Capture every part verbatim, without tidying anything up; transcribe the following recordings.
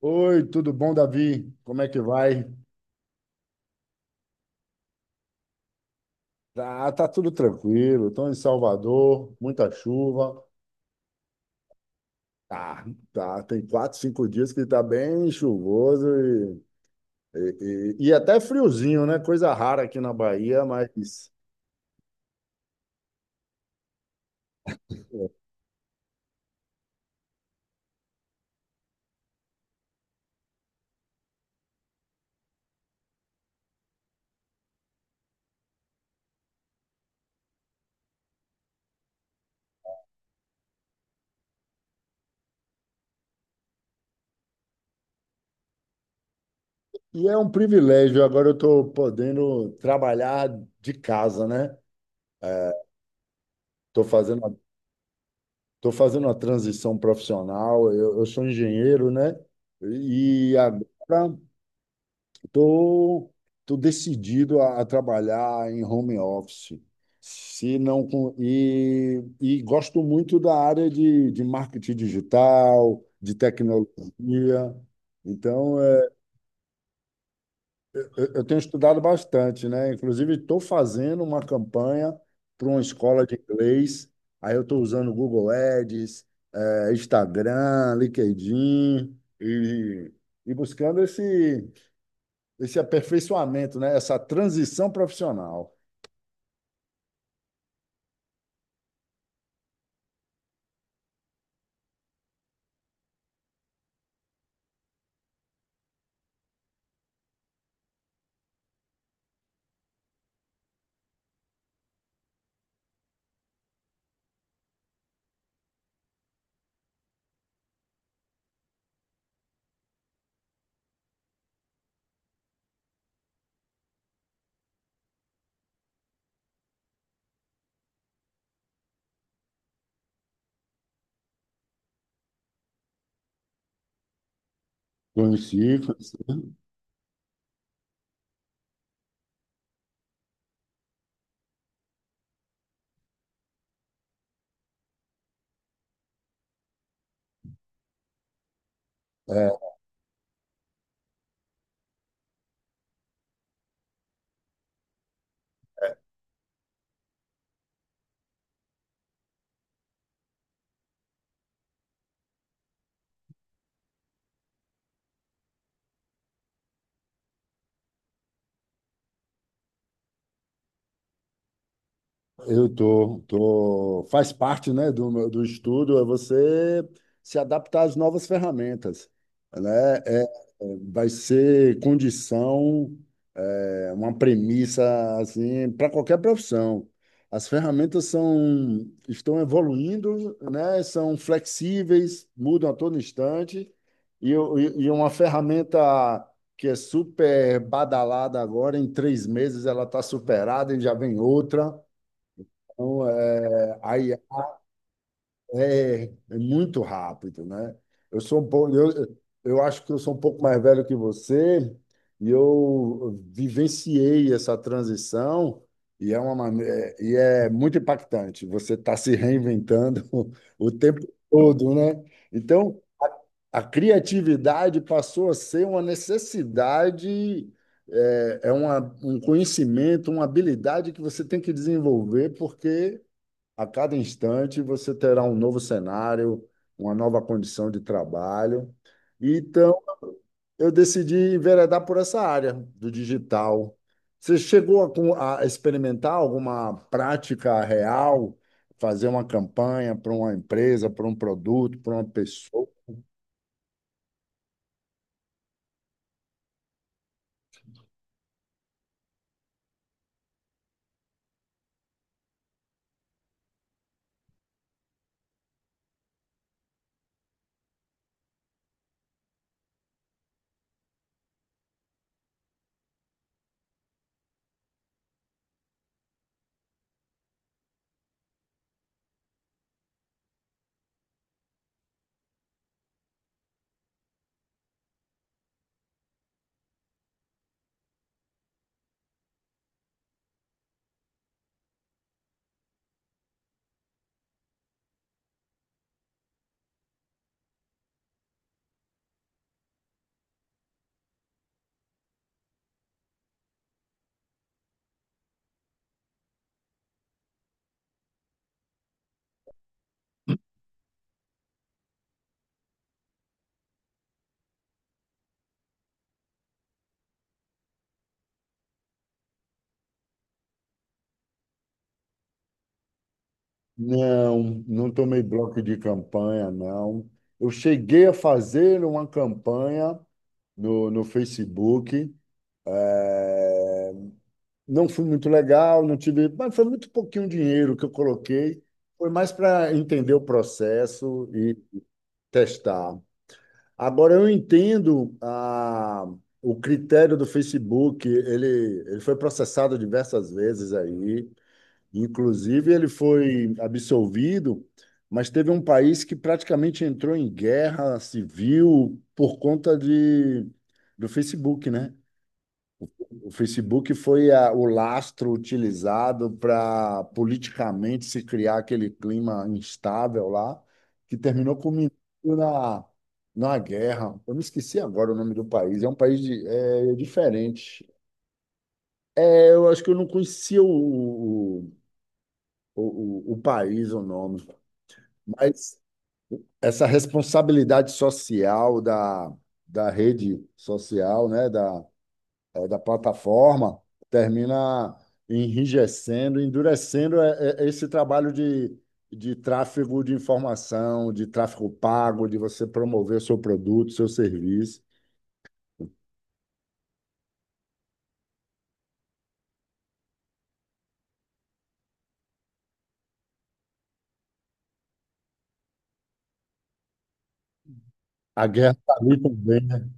Oi, tudo bom, Davi? Como é que vai? Tá, tá tudo tranquilo. Estou em Salvador, muita chuva. Tá, tá. Tem quatro, cinco dias que tá bem chuvoso e, e, e- e até friozinho, né? Coisa rara aqui na Bahia, mas. é, E é um privilégio. Agora eu estou podendo trabalhar de casa, né? Estou fazendo, estou fazendo uma transição profissional. Eu, eu sou engenheiro, né? E agora Estou tô, tô decidido a, a trabalhar em home office. Se não, com- e, e gosto muito da área de, de marketing digital, de tecnologia. Então, é, eu, eu tenho estudado bastante, né? Inclusive, estou fazendo uma campanha para uma escola de inglês. Aí eu estou usando o Google Ads, é, Instagram, LinkedIn e, e buscando esse, esse aperfeiçoamento, né? Essa transição profissional. Conheci, conheci. É, Eu tô, tô, faz parte, né, do, meu- do estudo é você se adaptar às novas ferramentas, né? É, é, vai ser condição, é, uma premissa assim para qualquer profissão. As ferramentas são, estão evoluindo, né? São flexíveis, mudam a todo instante e, o- e e uma ferramenta que é super badalada agora, em três meses ela está superada e já vem outra. Então, é, aí, é, é muito rápido, né? Eu sou um pouco, eu, eu acho que eu sou um pouco mais velho que você e eu vivenciei essa transição e é uma maneira, e é muito impactante. Você está se reinventando o tempo todo, né? Então, a criatividade passou a ser uma necessidade, é, é uma, um conhecimento, uma habilidade que você tem que desenvolver porque a cada instante você terá um novo cenário, uma nova condição de trabalho. Então, eu decidi enveredar por essa área do digital. Você chegou a, com- a experimentar alguma prática real, fazer uma campanha para uma empresa, para um produto, para uma pessoa? Não, não tomei bloco de campanha, não. Eu cheguei a fazer uma campanha no, no Facebook não fui muito legal, não tive, mas foi muito pouquinho dinheiro que eu coloquei. Foi mais para entender o processo e testar. Agora eu entendo a, o critério do Facebook, ele, ele foi processado diversas vezes aí, inclusive ele foi absolvido, mas teve um país que praticamente entrou em guerra civil por conta de, do Facebook, né? O Facebook foi a- o lastro utilizado para politicamente se criar aquele clima instável lá, que terminou culminando na, na guerra. Eu me esqueci agora o nome do país. É um país de- é, é diferente. É, eu acho que eu não conhecia o, o, o, o país, o nome, mas essa responsabilidade social da, da rede social, né, da, é, da plataforma termina enrijecendo, endurecendo é, é, esse trabalho de, de tráfego de informação, de tráfego pago, de você promover seu produto, seu serviço. A guerra está ali também, né?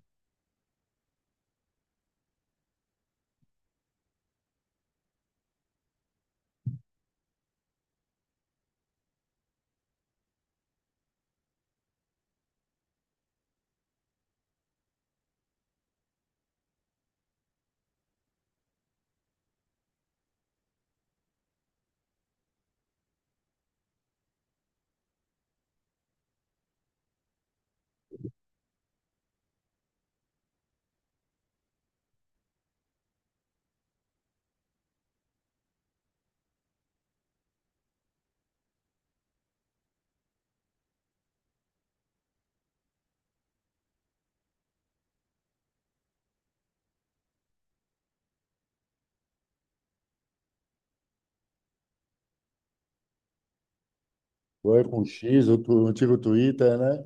Foi com o X, o, tu- o antigo Twitter, né?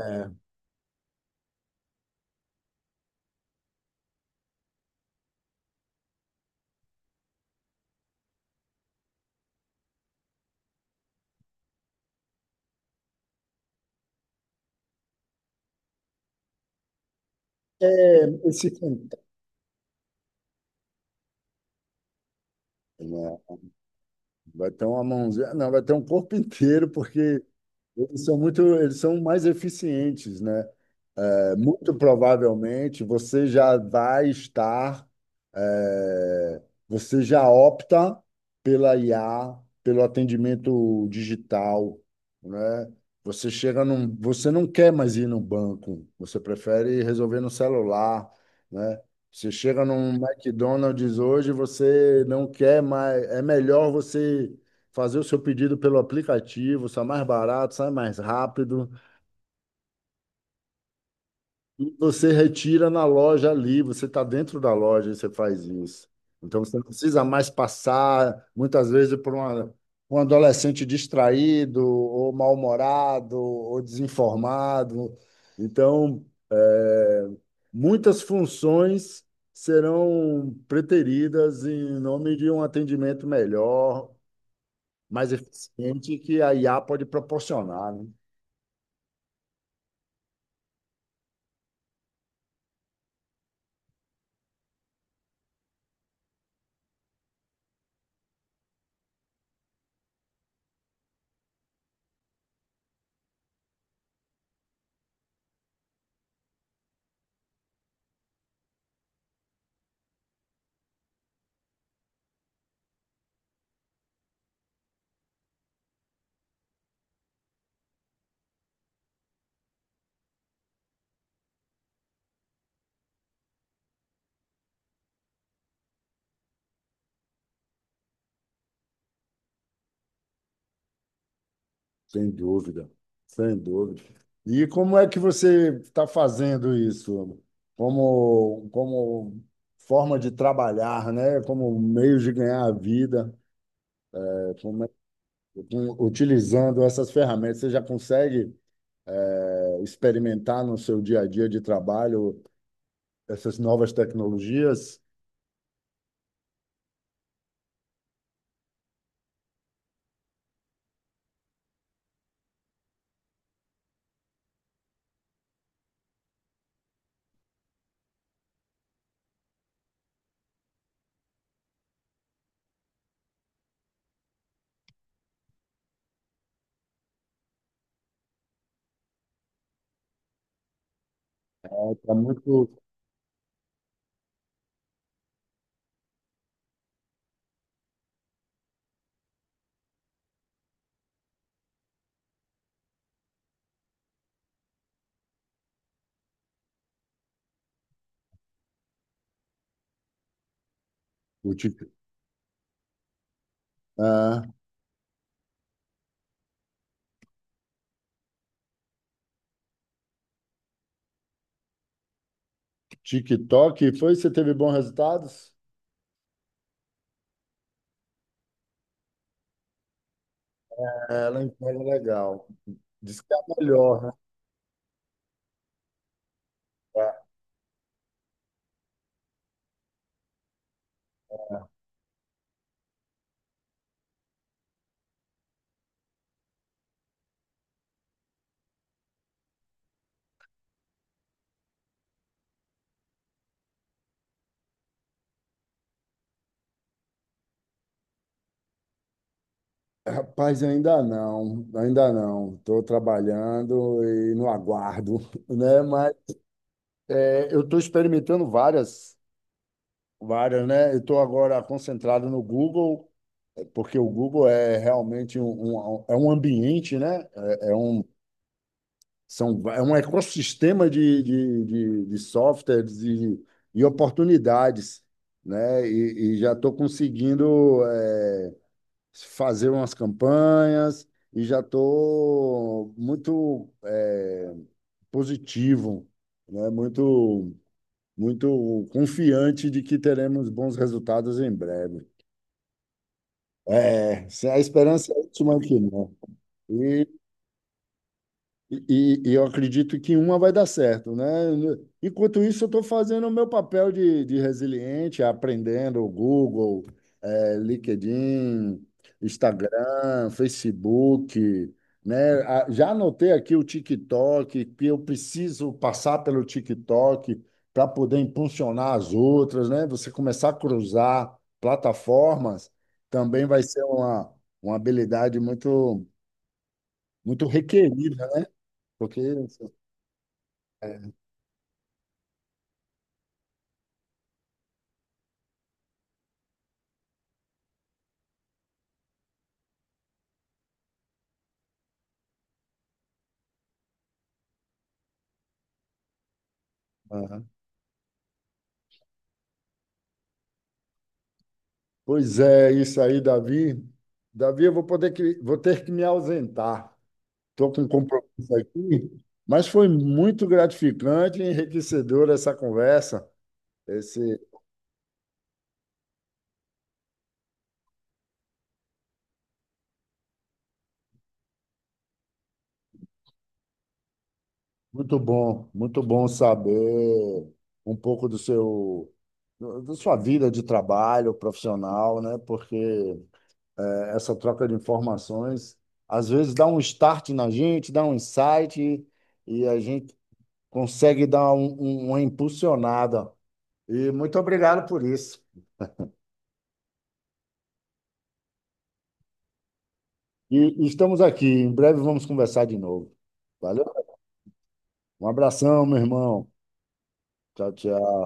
É, é, esse cantar, né? Vai ter uma mãozinha, não, vai ter um corpo inteiro, porque eles são muito, eles são mais eficientes, né? É, muito provavelmente você já vai estar, é, você já opta pela I A, pelo atendimento digital, né? Você chega num, você não quer mais ir no banco, você prefere resolver no celular, né? Você chega num McDonald's hoje, você não quer mais, é melhor você fazer o seu pedido pelo aplicativo, sai mais barato, sai mais rápido, e você retira na loja ali, você está dentro da loja e você faz isso. Então você não precisa mais passar, muitas vezes, por uma- um adolescente distraído, ou mal-humorado, ou desinformado. Então, é, muitas funções serão preteridas em nome de um atendimento melhor, mais eficiente, que a I A pode proporcionar, né? Sem dúvida, sem dúvida. E como é que você está fazendo isso? Como, como forma de trabalhar, né? Como meio de ganhar a vida, É, como é- com- utilizando essas ferramentas, você já consegue é, experimentar no seu dia a dia de trabalho essas novas tecnologias? Está muito o Tik- ah, TikTok, foi? Você teve bons resultados? É, ela entrega legal. Diz que é a melhor, né? É. Rapaz, ainda não, ainda não. Estou trabalhando e no aguardo, né? Mas é, eu estou experimentando várias, várias, né? Eu estou agora concentrado no Google, é, porque o Google é realmente um, um- um, é um ambiente, né? É, é um, são, é um ecossistema de, de, de, de softwares e, e oportunidades, né? E, e já estou conseguindo. É, fazer umas campanhas e já estou muito eh, positivo, né? Muito, muito confiante de que teremos bons resultados em breve. É, se a esperança é última que não. E E, e- eu acredito que uma vai dar certo, né? Enquanto isso, eu estou fazendo o meu papel de, de resiliente, aprendendo o Google, eh, LinkedIn, Instagram, Facebook, né? Ah, já anotei aqui o TikTok, que eu preciso passar pelo TikTok para poder impulsionar as outras, né? Você começar a cruzar plataformas também vai ser uma, uma habilidade muito, muito requerida, né? Porque aham. Pois é, isso aí, Davi. Davi, eu vou poder que, vou ter que me ausentar. Estou com um compromisso aqui, mas foi muito gratificante e enriquecedora essa conversa. Esse, muito bom, muito bom saber um pouco do seu, do- da sua vida de trabalho profissional, né? Porque essa troca de informações às vezes dá um start na gente, dá um insight e a gente consegue dar um- um- uma impulsionada. E muito obrigado por isso. E estamos aqui. Em breve vamos conversar de novo. Valeu? Um abração, meu irmão. Tchau, tchau.